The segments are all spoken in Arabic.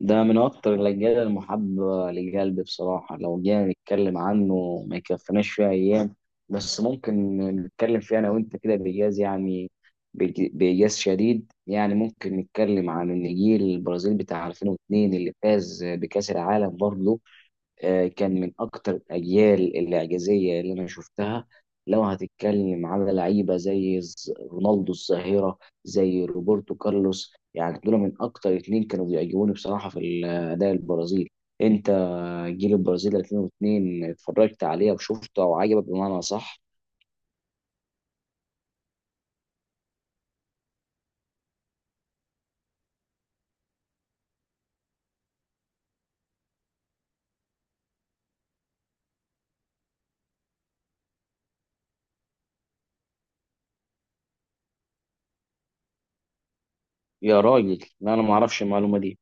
ده من أكتر الأجيال المحببة لقلبي بصراحة. لو جينا نتكلم عنه ما يكفناش فيها أيام، بس ممكن نتكلم فيه أنا وأنت كده بإيجاز يعني. بإيجاز شديد يعني، ممكن نتكلم عن النجيل البرازيل بتاع 2002 اللي فاز بكأس العالم برضه. كان من اكتر الاجيال الاعجازيه اللي انا شفتها. لو هتتكلم على لعيبه زي رونالدو الظاهره، زي روبرتو كارلوس، يعني دول من اكتر اتنين كانوا بيعجبوني بصراحه في الاداء البرازيل. انت جيل البرازيل 2002 اتفرجت عليه وشفته او عجبك بمعنى صح؟ يا راجل، لا، انا ما اعرفش المعلومه دي.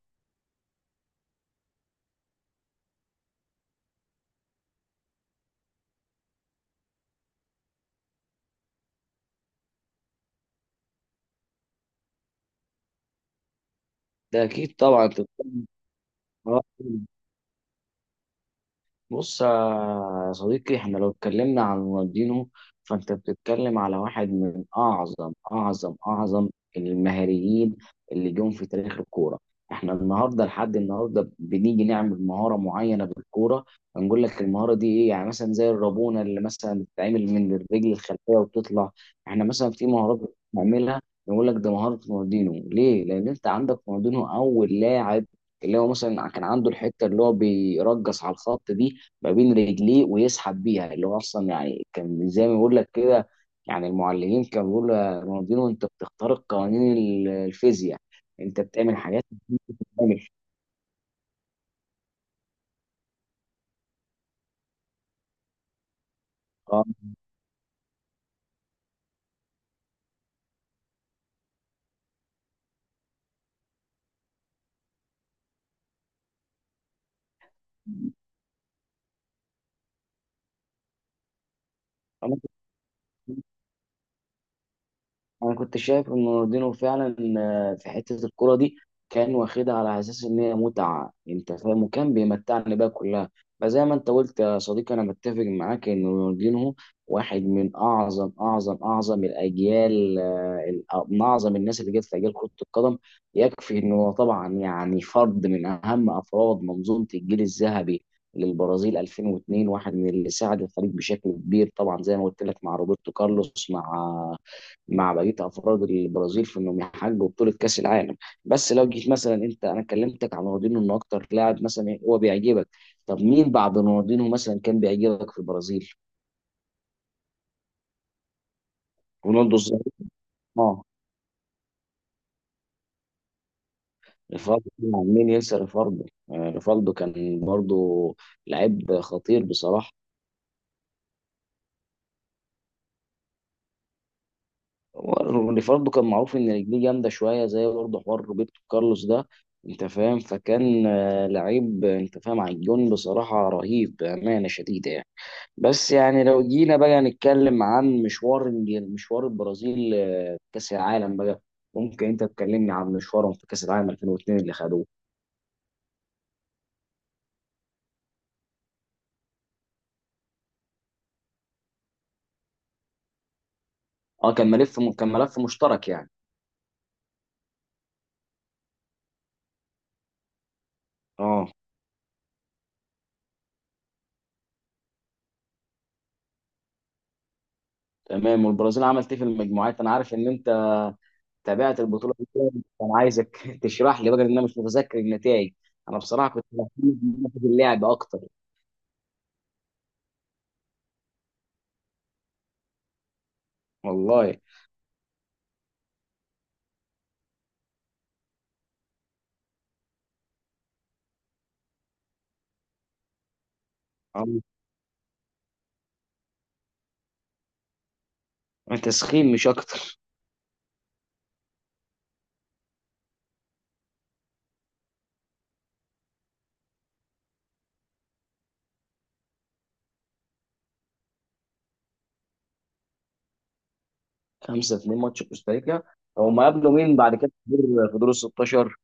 ده اكيد طبعا. بص يا صديقي، احنا لو اتكلمنا عن رونالدينو فانت بتتكلم على واحد من اعظم اعظم اعظم المهاريين اللي جم في تاريخ الكوره. احنا النهارده لحد النهارده بنيجي نعمل مهاره معينه بالكوره، هنقول لك المهاره دي ايه، يعني مثلا زي الرابونه اللي مثلا بتتعمل من الرجل الخلفيه وبتطلع. احنا مثلا في مهارات بنعملها نقول لك ده مهاره رونالدينو، ليه؟ لان انت عندك رونالدينو اول لاعب اللي هو مثلا كان عنده الحته اللي هو بيرجص على الخط دي ما بين رجليه ويسحب بيها، اللي هو اصلا يعني كان زي ما بقول لك كده. يعني المعلمين كانوا بيقولوا يا رونالدينو انت بتخترق قوانين الفيزياء، انت بتعمل حاجات مش بتتعمل. اه، انا كنت شايف ان رونالدينو فعلا في حته الكوره دي كان واخدها على اساس ان هي متعه، انت فاهم، وكان بيمتعني بقى كلها. فزي ما انت قلت يا صديقي، انا متفق معاك ان رونالدينو واحد من اعظم اعظم اعظم الاجيال، من اعظم الناس اللي جت في اجيال كره القدم. يكفي ان هو طبعا يعني فرد من اهم افراد منظومه الجيل الذهبي للبرازيل 2002، واحد من اللي ساعد الفريق بشكل كبير، طبعا زي ما قلت لك مع روبرتو كارلوس، مع بقيه افراد البرازيل في انهم يحققوا بطوله كاس العالم. بس لو جيت مثلا انت، انا كلمتك عن رونالدينو انه اكتر لاعب مثلا هو بيعجبك، طب مين بعد رونالدينو مثلا كان بيعجبك في البرازيل؟ رونالدو الظاهر. اه، ريفالدو، طبعاً، مين ينسى ريفالدو؟ ريفالدو كان برضه لعيب خطير بصراحه. ريفالدو كان معروف ان رجليه جامده شويه زي برضه حوار روبرتو كارلوس ده، انت فاهم. فكان لعيب، انت فاهم على الجون بصراحه رهيب بامانه شديده يعني. بس يعني لو جينا بقى نتكلم عن مشوار، مشوار البرازيل في كأس العالم بقى، ممكن انت تكلمني عن مشوارهم في كأس العالم 2002 اللي خدوه؟ اه، كان ملف مشترك يعني. اه، تمام. والبرازيل عملت ايه في المجموعات؟ انا عارف ان انت تابعت البطولة دي، كان عايزك تشرح لي بقى لان انا مش متذكر النتائج. انا بصراحة كنت مهتم في اللعب اكتر. والله. اه، انت سخين مش اكتر. 5-2 ماتش كوستاريكا. هما قابلوا مين بعد كده في دور ال 16؟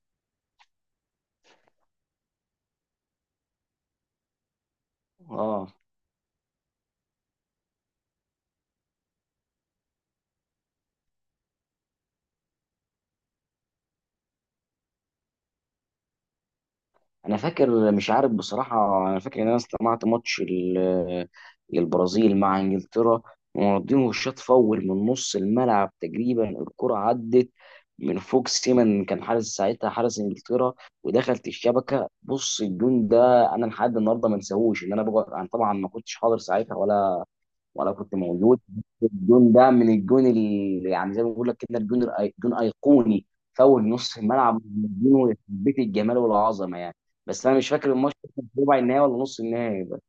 اه. انا فاكر، مش عارف بصراحه، انا فاكر ان انا استمعت ماتش البرازيل مع انجلترا، ورونالدينو الشاط فول من نص الملعب تقريبا، الكره عدت من فوق سيمن، كان حارس ساعتها، حارس انجلترا، ودخلت الشبكه. بص، الجون ده انا لحد النهارده ما انساهوش، ان انا بقعد، انا طبعا ما كنتش حاضر ساعتها ولا وانا كنت موجود. الجون ده من الجون اللي يعني زي ما بقول لك كده، الجون جون ايقوني فاول نص الملعب. جون بيت الجمال والعظمه يعني. بس انا مش فاكر الماتش كان في ربع النهائي ولا نص النهائي بقى.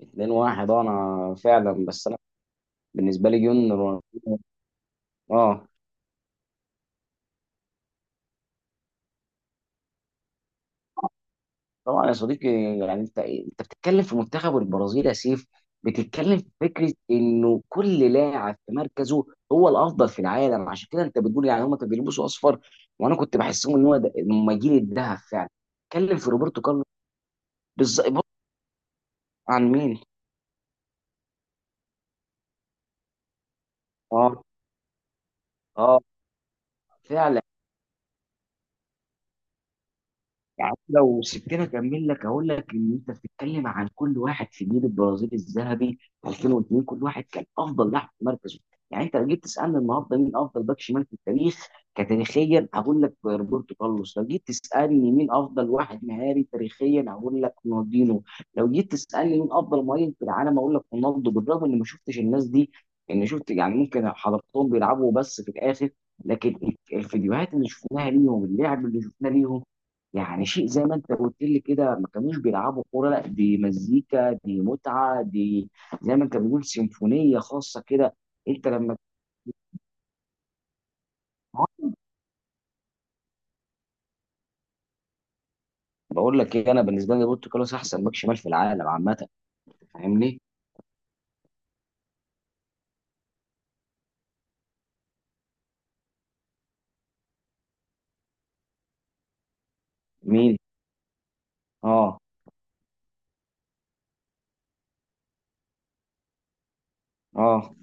2-1، انا فعلا، بس انا بالنسبه لي جون. اه، طبعا يا صديقي. يعني انت بتتكلم في منتخب البرازيل يا سيف، بتتكلم في فكره انه كل لاعب في مركزه هو الافضل في العالم. عشان كده انت بتقول يعني هم كانوا بيلبسوا اصفر، وانا كنت بحسهم ان هم جيل الذهب فعلا. اتكلم في روبرتو كارلوس. بالظبط. عن مين؟ اه. اه، فعلا. يعني لو سبتني اكمل لك اقول لك ان انت بتتكلم عن كل واحد في جيل البرازيل الذهبي 2002، كل واحد كان افضل لاعب في مركزه. يعني انت لو جيت تسالني النهارده مين افضل باك شمال في التاريخ كتاريخيا هقول لك روبرتو كارلوس، لو جيت تسالني مين افضل واحد مهاري تاريخيا هقول لك رونالدينو، لو جيت تسالني مين افضل مهاجم في العالم هقول لك رونالدو. بالرغم اني ما شفتش الناس دي، ان شفت يعني ممكن حضرتهم بيلعبوا بس في الاخر، لكن الفيديوهات اللي شفناها ليهم، اللعب اللي شفناه ليهم، يعني شيء زي ما انت قلت لي كده، ما كانوش بيلعبوا كوره، لا دي مزيكا، دي متعه، دي زي ما انت بتقول سيمفونيه خاصه كده. انت لما بقول لك ايه، انا بالنسبه لي بورتو كارلوس احسن باك شمال في العالم عامه، انت فاهمني. مين؟ اه. اه،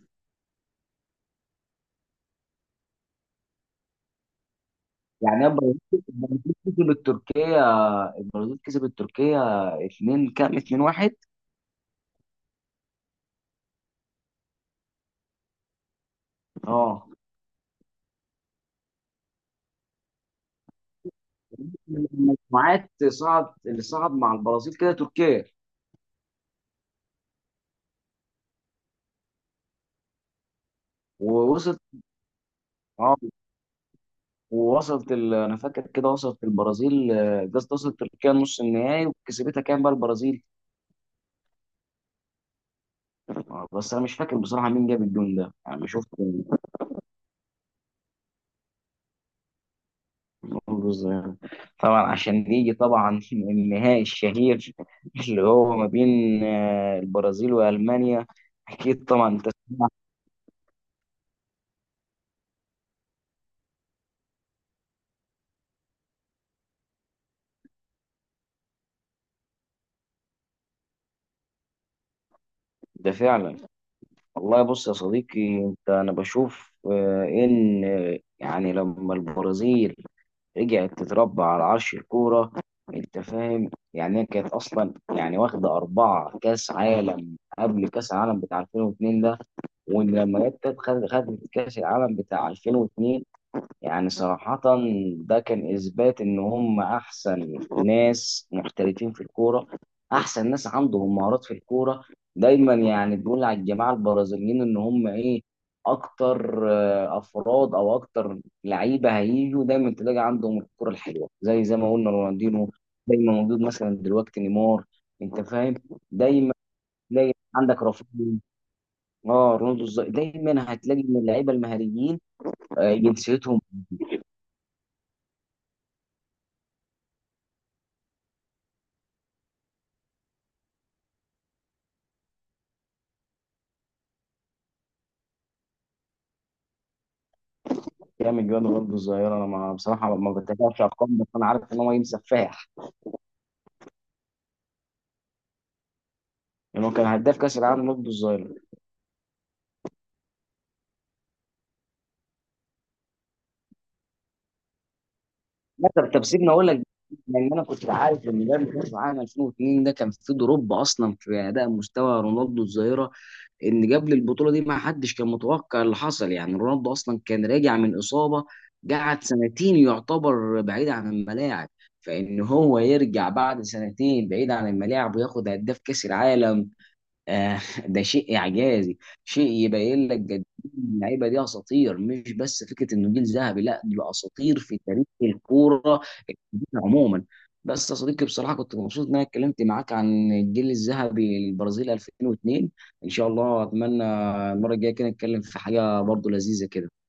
يعني ابراهيم كسب التركيه. ابراهيم كسب التركيه 2 كام، 2-1. اه. المجموعات صعد اللي صعد مع البرازيل كده؟ تركيا. ووصل. اه. ووصلت انا فاكر كده وصلت البرازيل، قصدي وصلت تركيا نص النهائي، وكسبتها كام بقى البرازيل؟ بس انا مش فاكر بصراحه مين جاب الجون ده، انا ما شفت المنظر ده يعني. طبعا عشان يجي طبعا النهائي الشهير اللي هو ما بين البرازيل والمانيا. اكيد طبعا انت سمعت. ده فعلا. والله، بص يا صديقي انت، انا بشوف ان يعني لما البرازيل رجعت تتربى على عرش الكورة، انت فاهم، يعني هي كانت اصلا يعني واخده اربعه كاس عالم قبل كاس العالم بتاع 2002 ده، وان لما جت خدت كاس العالم بتاع 2002. يعني صراحة، ده كان إثبات إن هم أحسن ناس محترفين في الكورة، أحسن ناس عندهم مهارات في الكورة. دايما يعني بيقول على الجماعة البرازيليين إن هم إيه، أكتر أفراد أو أكتر لعيبة هيجوا دايما تلاقي عندهم الكورة الحلوة، زي زي ما قلنا رونالدينو دايما موجود، مثلا دلوقتي نيمار، أنت فاهم، دايما تلاقي عندك رافينيا، اه رونالدو الظاهر. دايما هتلاقي من اللعيبة المهاريين جنسيتهم. جامد جواد برضه الظاهرة. أنا ما بصراحة ما بتابعش أرقام، بس أنا عارف إن هو راجل سفاح. يعني هو كان هداف كأس العالم برضه الظاهرة. لا، طب سيبني أقول لك. لأن أنا كنت عارف إن ده كأس العالم 2002 ده كان فيه دروب أصلا في أداء مستوى رونالدو الظاهرة، إن قبل البطولة دي ما حدش كان متوقع اللي حصل. يعني رونالدو أصلا كان راجع من إصابة، قعد سنتين يعتبر بعيد عن الملاعب، فإن هو يرجع بعد سنتين بعيد عن الملاعب وياخد هداف كأس العالم، آه، ده شيء اعجازي. شيء يبين لك قد إيه اللعيبه دي اساطير، مش بس فكره انه جيل ذهبي، لا دول اساطير في تاريخ الكوره عموما. بس يا صديقي بصراحه كنت مبسوط ان انا اتكلمت معاك عن الجيل الذهبي للبرازيل 2002. ان شاء الله اتمنى المره الجايه كده نتكلم في حاجه برضو لذيذه كده.